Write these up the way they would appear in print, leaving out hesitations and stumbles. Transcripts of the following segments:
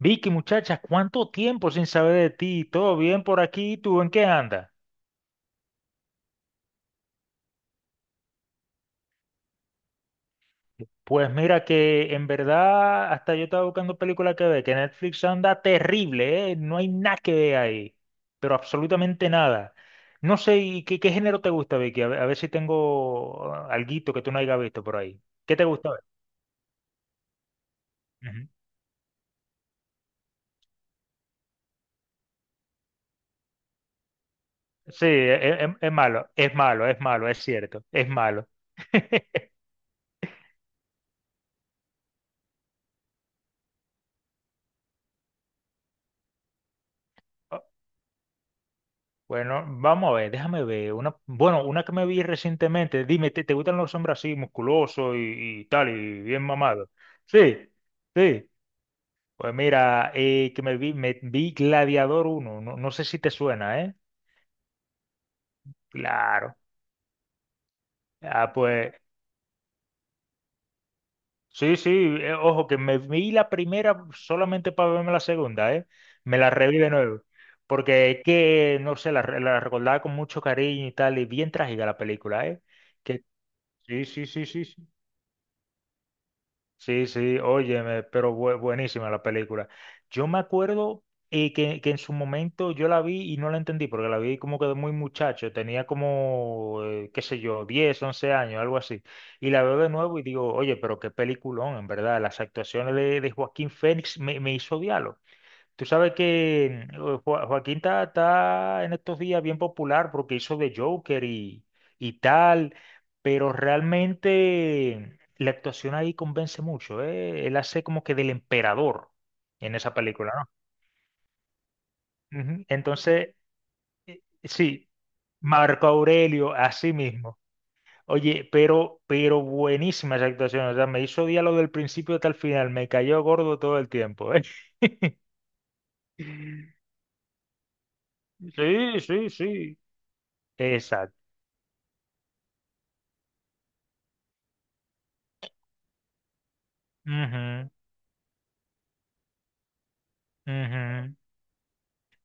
Vicky, muchacha, ¿cuánto tiempo sin saber de ti? ¿Todo bien por aquí? ¿Tú en qué andas? Pues mira que en verdad hasta yo estaba buscando películas que ver, que Netflix anda terrible, ¿eh? No hay nada que ver ahí, pero absolutamente nada. No sé, ¿y qué género te gusta, Vicky? A ver si tengo alguito que tú no hayas visto por ahí. ¿Qué te gusta ver? Ujú. Sí, es malo, es malo, es malo, es cierto, es malo. Bueno, vamos a ver, déjame ver. Una, bueno, una que me vi recientemente. Dime, ¿te gustan los hombres así, musculosos y tal, y bien mamados? Sí, sí. Pues mira, que me vi Gladiador uno. No, no sé si te suena, ¿eh? Claro. Ah, pues sí, sí. Ojo, que me vi la primera solamente para verme la segunda, ¿eh? Me la reví de nuevo. Porque es que, no sé, la recordaba con mucho cariño y tal, y bien trágica la película, ¿eh? Que, sí, sí, sí, sí, sí. Sí, sí, óyeme, pero buenísima la película. Yo me acuerdo que en su momento yo la vi y no la entendí, porque la vi como que de muy muchacho, tenía como, qué sé yo, 10, 11 años, algo así. Y la veo de nuevo y digo, oye, pero qué peliculón, en verdad, las actuaciones de Joaquín Fénix me hizo odiarlo. Tú sabes que Joaquín está en estos días bien popular porque hizo de Joker y tal, pero realmente la actuación ahí convence mucho, ¿eh? Él hace como que del emperador en esa película, ¿no? Ujú. Entonces, sí, Marco Aurelio, así mismo. Oye, pero buenísima esa actuación, o sea, me hizo diálogo del principio hasta el final, me cayó gordo todo el tiempo, ¿eh? Sí, sí, sí. Exacto. Ujú, ujú.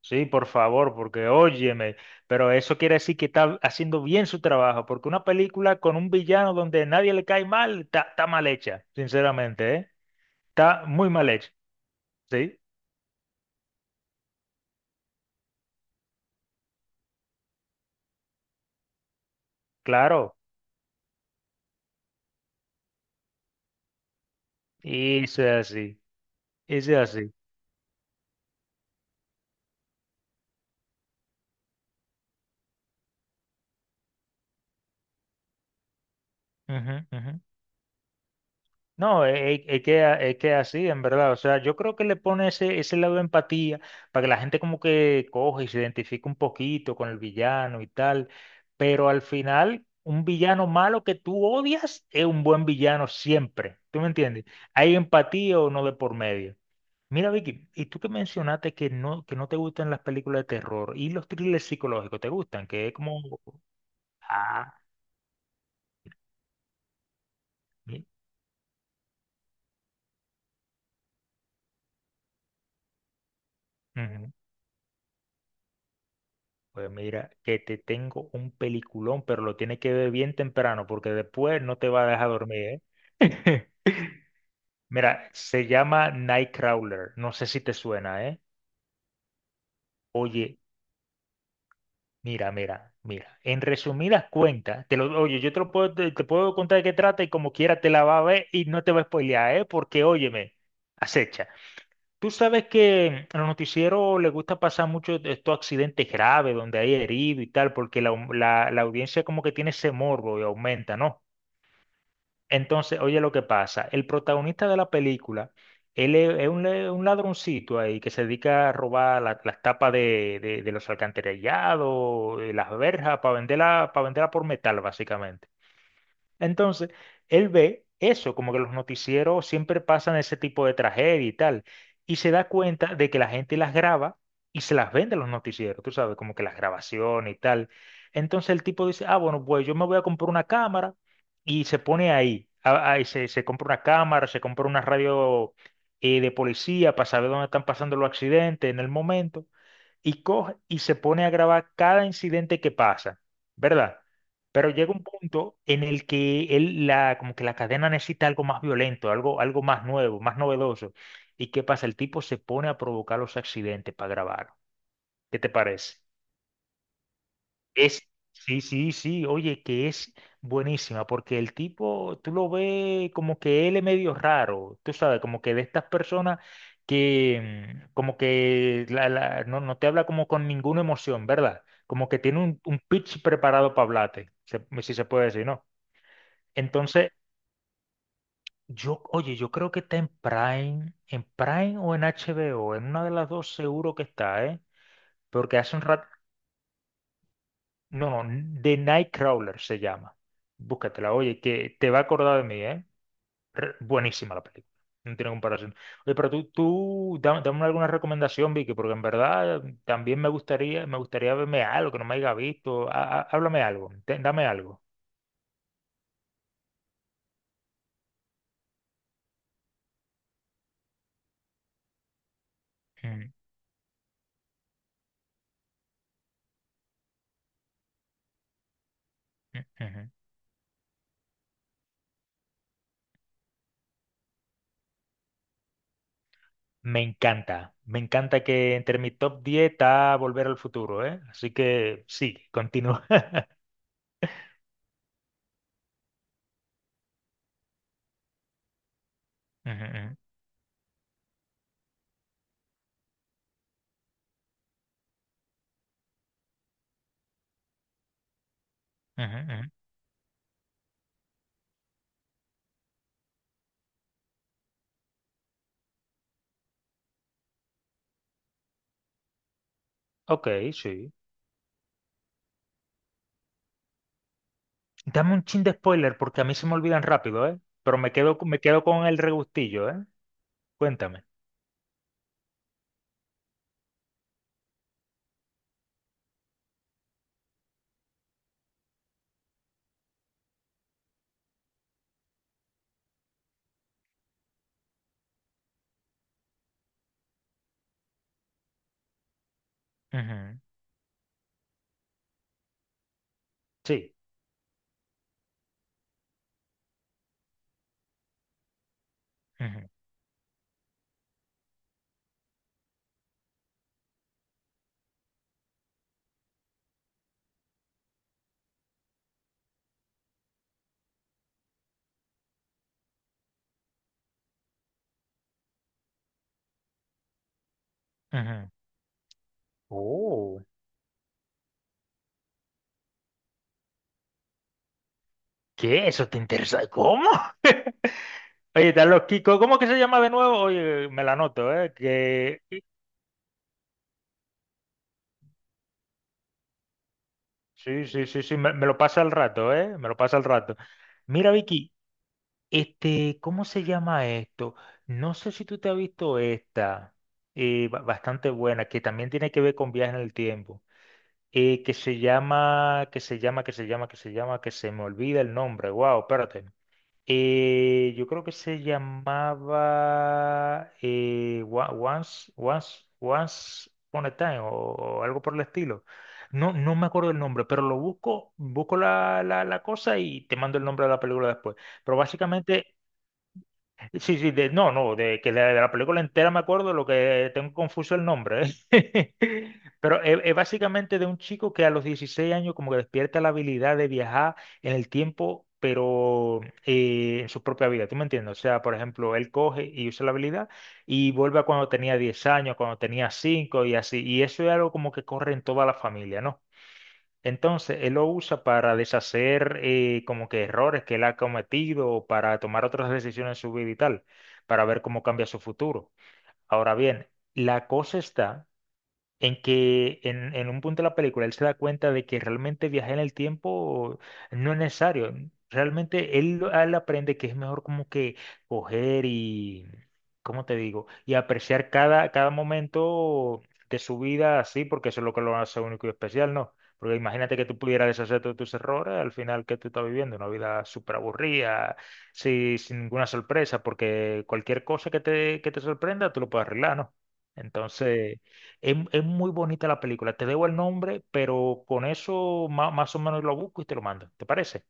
Sí, por favor, porque óyeme, pero eso quiere decir que está haciendo bien su trabajo, porque una película con un villano donde nadie le cae mal, está mal hecha, sinceramente, ¿eh? Está muy mal hecha, sí, claro, y es así, es así. Ujú, ujú. No, es que así, en verdad. O sea, yo creo que le pone ese lado de empatía para que la gente como que coge y se identifique un poquito con el villano y tal. Pero al final, un villano malo que tú odias es un buen villano siempre. ¿Tú me entiendes? Hay empatía o no de por medio. Mira, Vicky, y tú que mencionaste que no te gustan las películas de terror y los thrillers psicológicos, ¿te gustan? Que es como... Ah, mi- ujú. Pues mira, que te tengo un peliculón, pero lo tienes que ver bien temprano porque después no te va a dejar dormir, ¿eh? Mira, se llama Nightcrawler, no sé si te suena, ¿eh? Oye, mira, mira, mira. En resumidas cuentas, te lo, oye, yo te lo puedo, te puedo contar de qué trata y como quiera te la va a ver y no te va a spoilear, ¿eh? Porque óyeme, acecha. Tú sabes que a los noticieros les gusta pasar mucho de estos accidentes graves donde hay herido y tal, porque la audiencia como que tiene ese morbo y aumenta, ¿no? Entonces, oye lo que pasa. El protagonista de la película, él es un ladroncito ahí que se dedica a robar las tapas de los alcantarillados, de las verjas, para venderla por metal, básicamente. Entonces, él ve eso, como que los noticieros siempre pasan ese tipo de tragedia y tal, y se da cuenta de que la gente las graba y se las vende a los noticieros, tú sabes, como que las grabaciones y tal. Entonces el tipo dice, ah, bueno, pues yo me voy a comprar una cámara y se pone ahí, ahí se compra una cámara, se compra una radio de policía para saber dónde están pasando los accidentes en el momento y coge y se pone a grabar cada incidente que pasa, ¿verdad? Pero llega un punto en el que él, la, como que la cadena necesita algo más violento, algo más nuevo, más novedoso. ¿Y qué pasa? El tipo se pone a provocar los accidentes para grabar. ¿Qué te parece? Es, sí, sí, sí, oye, que es buenísima, porque el tipo, tú lo ves como que él es medio raro, tú sabes, como que de estas personas que, como que no, no te habla como con ninguna emoción, ¿verdad? Como que tiene un pitch preparado para hablarte, si se puede decir, ¿no? Entonces, yo, oye, yo creo que está en Prime o en HBO, en una de las dos seguro que está, ¿eh? Porque hace un rato... No, no, The Nightcrawler se llama. Búscatela, oye, que te va a acordar de mí, ¿eh? Buenísima la película. No tiene comparación. Oye, pero tú, dame alguna recomendación, Vicky, porque en verdad también me gustaría verme algo que no me haya visto. Háblame algo, dame algo. Mm, mm, ujú. Me encanta que entre mi top 10 está Volver al Futuro, ¿eh? Así que sí, continúa. Ujú, ujú, ujú, ujú. Ok, sí. Dame un chin de spoiler porque a mí se me olvidan rápido, ¿eh? Pero me quedo con el regustillo, ¿eh? Cuéntame. Ujú. Sí. Ujú, ujú. Oh, ¿qué? ¿Eso te interesa? ¿Cómo? Oye, están los Kiko. ¿Cómo que se llama de nuevo? Oye, me la anoto, ¿eh? Que... Sí, sí, sí, sí, me lo pasa al rato, ¿eh? Me lo pasa al rato. Mira, Vicky, este, ¿cómo se llama esto? No sé si tú te has visto esta, bastante buena, que también tiene que ver con viajes en el tiempo. Que se llama, que se me olvida el nombre. Wow, espérate. Yo creo que se llamaba Once Upon a Time o algo por el estilo. No, no me acuerdo el nombre, pero lo busco la cosa y te mando el nombre de la película después. Pero básicamente. Sí, sí, de, no, no, de que de la película entera me acuerdo, lo que tengo confuso el nombre, ¿eh? Pero es básicamente de un chico que a los 16 años como que despierta la habilidad de viajar en el tiempo, pero en su propia vida, ¿tú me entiendes? O sea, por ejemplo, él coge y usa la habilidad y vuelve a cuando tenía 10 años, cuando tenía 5 y así, y eso es algo como que corre en toda la familia, ¿no? Entonces, él lo usa para deshacer como que errores que él ha cometido o para tomar otras decisiones en su vida y tal, para ver cómo cambia su futuro. Ahora bien, la cosa está en que en, un punto de la película él se da cuenta de que realmente viajar en el tiempo no es necesario. Realmente él aprende que es mejor como que coger y, ¿cómo te digo? Y apreciar cada momento de su vida así, porque eso es lo que lo hace único y especial, ¿no? Porque imagínate que tú pudieras deshacerte de tus errores, al final que tú estás viviendo una vida súper aburrida, sí, sin ninguna sorpresa, porque cualquier cosa que te sorprenda, tú lo puedes arreglar, ¿no? Entonces... Es muy bonita la película. Te debo el nombre, pero con eso más o menos lo busco y te lo mando. ¿Te parece?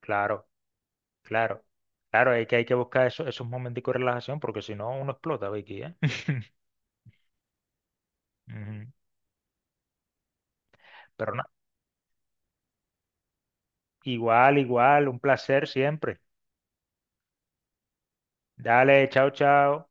Claro, claro. Claro, hay que buscar esos momenticos de relajación porque si no uno explota, Vicky, ¿eh? Ujú. Pero no, igual, igual, un placer siempre. Dale, chao, chao.